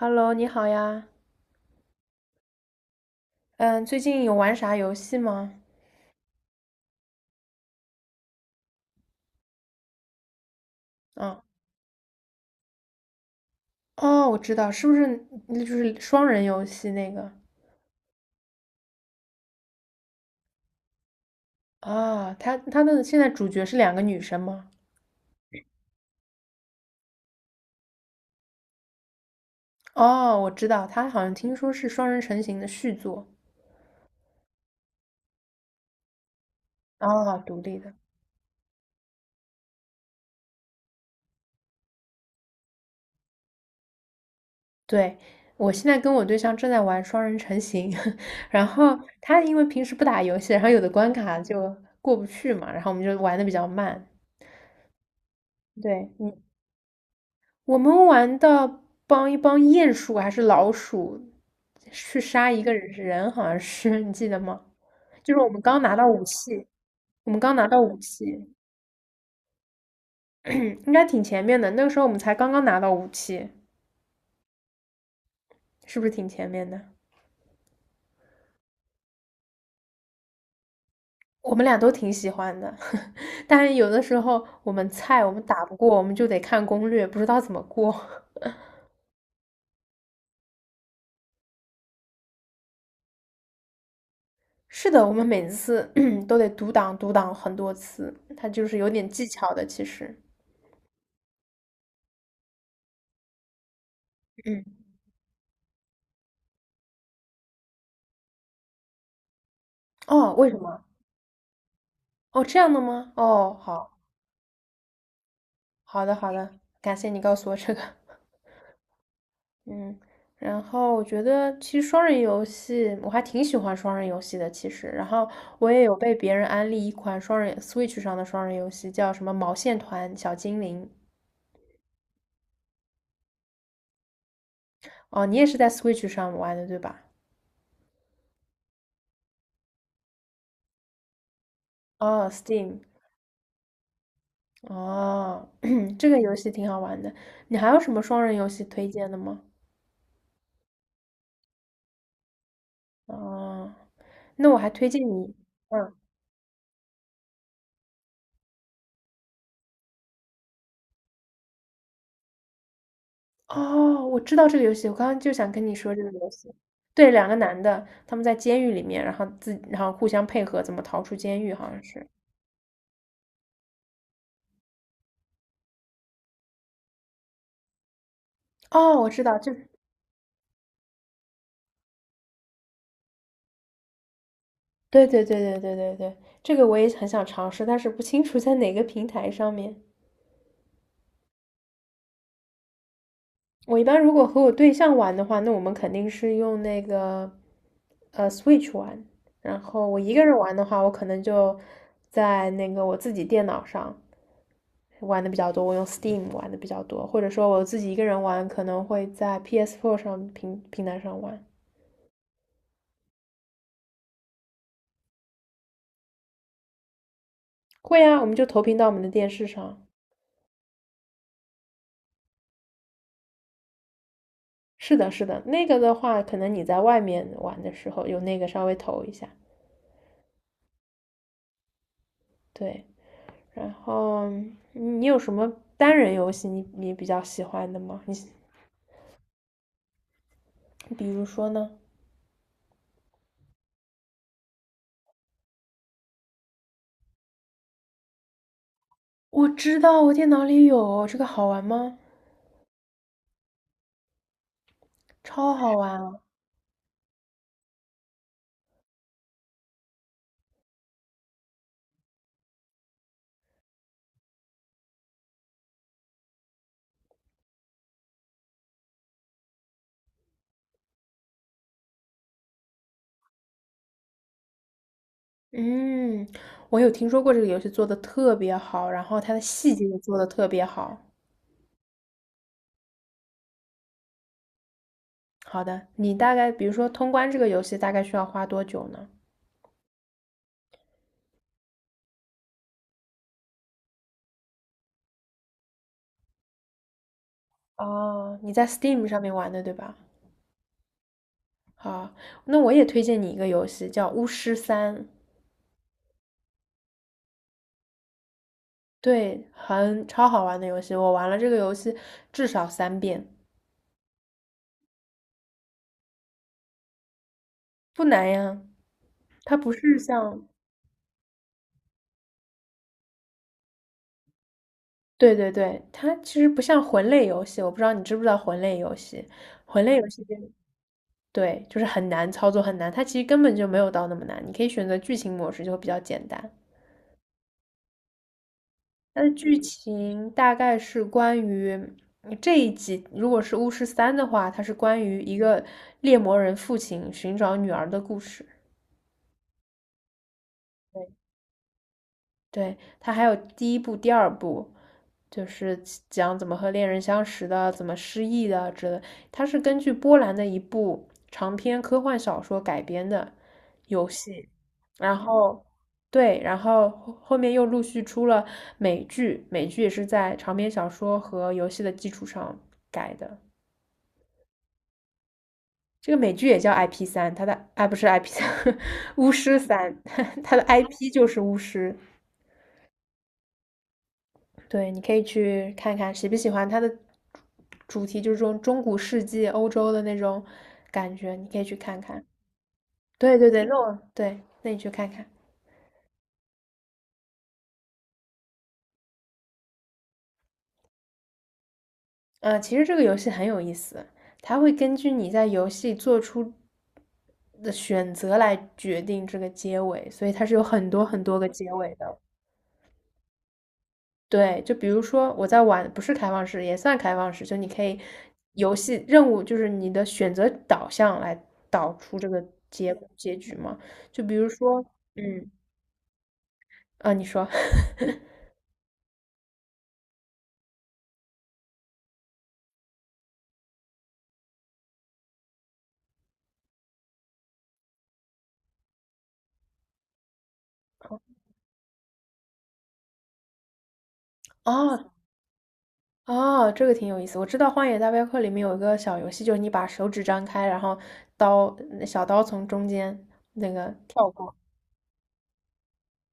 Hello，你好呀。嗯，最近有玩啥游戏吗？嗯，哦，我知道，是不是那就是双人游戏那个？啊，他的现在主角是两个女生吗？哦，我知道，他好像听说是双人成行的续作。哦，独立的。对，我现在跟我对象正在玩双人成行，然后他因为平时不打游戏，然后有的关卡就过不去嘛，然后我们就玩的比较慢。对，嗯。我们玩的帮一帮鼹鼠还是老鼠去杀一个人，好像是 你记得吗？就是我们刚拿到武器，应该挺前面的。那个时候我们才刚刚拿到武器，是不是挺前面的？我们俩都挺喜欢的，但是有的时候我们菜我们打不过，我们就得看攻略，不知道怎么过。是的，我们每次 都得读档读档很多次，它就是有点技巧的，其实。嗯，哦，为什么？哦，这样的吗？哦，好，好的，好的，感谢你告诉我这个。嗯，然后我觉得其实双人游戏我还挺喜欢双人游戏的，其实，然后我也有被别人安利一款双人 Switch 上的双人游戏，叫什么毛线团小精灵。哦，你也是在 Switch 上玩的，对吧？哦，Steam，哦，这个游戏挺好玩的。你还有什么双人游戏推荐的吗？哦，那我还推荐你。嗯。哦，我知道这个游戏，我刚刚就想跟你说这个游戏。对，两个男的，他们在监狱里面，然后互相配合，怎么逃出监狱，好像是。哦，我知道，就对对对对对对对，这个我也很想尝试，但是不清楚在哪个平台上面。我一般如果和我对象玩的话，那我们肯定是用那个Switch 玩，然后我一个人玩的话，我可能就在那个我自己电脑上。玩的比较多，我用 Steam 玩的比较多，或者说我自己一个人玩，可能会在 PS4 上台上玩。会啊，我们就投屏到我们的电视上。是的，是的，那个的话，可能你在外面玩的时候用那个稍微投一下。对，然后你有什么单人游戏你比较喜欢的吗？你比如说呢？我知道我电脑里有这个好玩吗？超好玩啊！嗯，我有听说过这个游戏做的特别好，然后它的细节也做的特别好。好的，你大概比如说通关这个游戏大概需要花多久呢？哦，你在 Steam 上面玩的对吧？好，那我也推荐你一个游戏叫《巫师三》，对，很超好玩的游戏，我玩了这个游戏至少三遍，不难呀。它不是像，对对对，它其实不像魂类游戏，我不知道你知不知道魂类游戏，魂类游戏就对，就是很难操作，很难。它其实根本就没有到那么难，你可以选择剧情模式，就会比较简单。它的剧情大概是关于这一集，如果是巫师三的话，它是关于一个猎魔人父亲寻找女儿的故事。对，它还有第一部、第二部，就是讲怎么和恋人相识的，怎么失忆的之类。它是根据波兰的一部长篇科幻小说改编的游戏，然后对，然后后面又陆续出了美剧，美剧也是在长篇小说和游戏的基础上改的。这个美剧也叫 IP 三，它的啊不是 IP 三，巫师三，它的 IP 就是巫师。对，你可以去看看喜不喜欢它的主题，就是这种中古世纪欧洲的那种感觉，你可以去看看。对对对，那我对，那你去看看。其实这个游戏很有意思，它会根据你在游戏做出的选择来决定这个结尾，所以它是有很多很多个结尾的。对，就比如说我在玩，不是开放式，也算开放式，就你可以游戏任务就是你的选择导向来导出这个局嘛。就比如说，嗯，啊，你说，哦哦，这个挺有意思。我知道《荒野大镖客》里面有一个小游戏，就是你把手指张开，然后刀小刀从中间那个跳过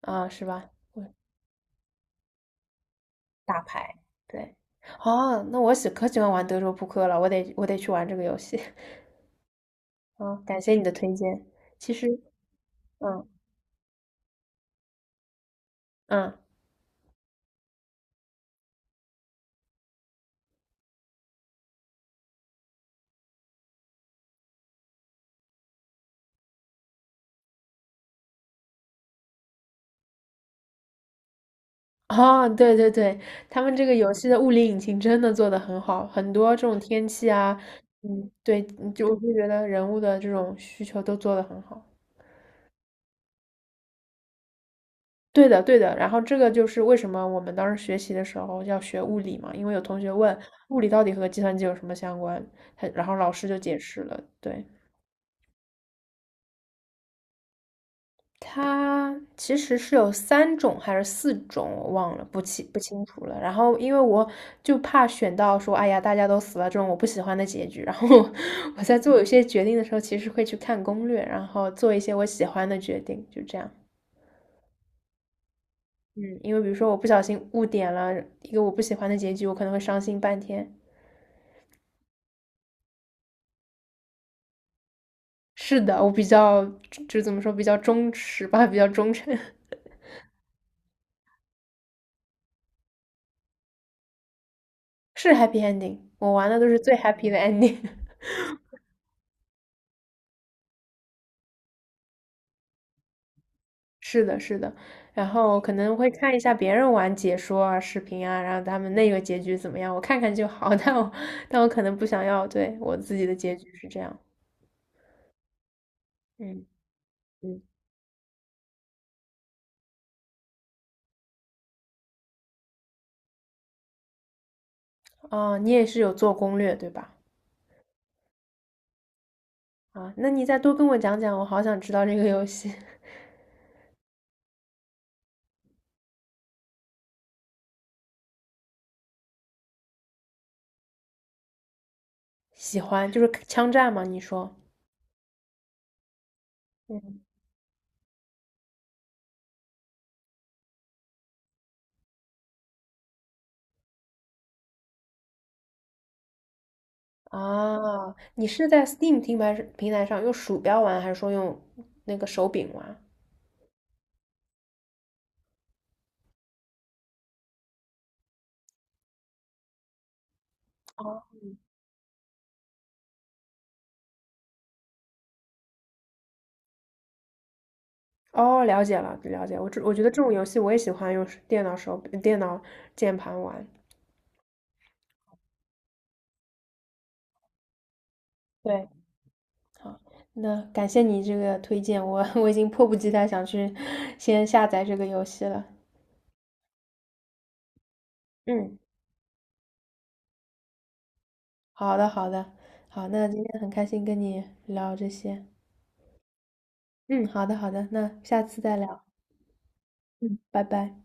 啊，是吧？对，打牌，对。哦，那我可喜欢玩德州扑克了，我得去玩这个游戏。哦，感谢你的推荐。其实，嗯嗯，哦，对对对，他们这个游戏的物理引擎真的做得很好，很多这种天气啊，嗯，对，就我就觉得人物的这种需求都做得很好。对的，对的。然后这个就是为什么我们当时学习的时候要学物理嘛，因为有同学问物理到底和计算机有什么相关，他然后老师就解释了，对。它其实是有三种还是四种，我忘了，不清楚了。然后因为我就怕选到说，哎呀，大家都死了这种我不喜欢的结局。然后 我在做有些决定的时候，其实会去看攻略，然后做一些我喜欢的决定，就这样。嗯，因为比如说我不小心误点了一个我不喜欢的结局，我可能会伤心半天。是的，我比较就怎么说，比较忠实吧，比较忠诚，是 happy ending。我玩的都是最 happy 的 ending。是的，是的，然后可能会看一下别人玩解说啊、视频啊，然后他们那个结局怎么样，我看看就好。但我可能不想要，对，我自己的结局是这样。嗯嗯，哦，你也是有做攻略对吧？啊，那你再多跟我讲讲，我好想知道这个游戏。喜欢就是枪战吗？你说，嗯啊，你是在 Steam 平台上用鼠标玩，还是说用那个手柄玩？哦，了解了，了解。我觉得这种游戏我也喜欢用手电脑手电脑键盘玩。对，那感谢你这个推荐，我 我已经迫不及待想去先下载这个游戏了。嗯，好的，好的，好，那今天很开心跟你聊这些。嗯，好的，好的，那下次再聊。嗯，拜拜。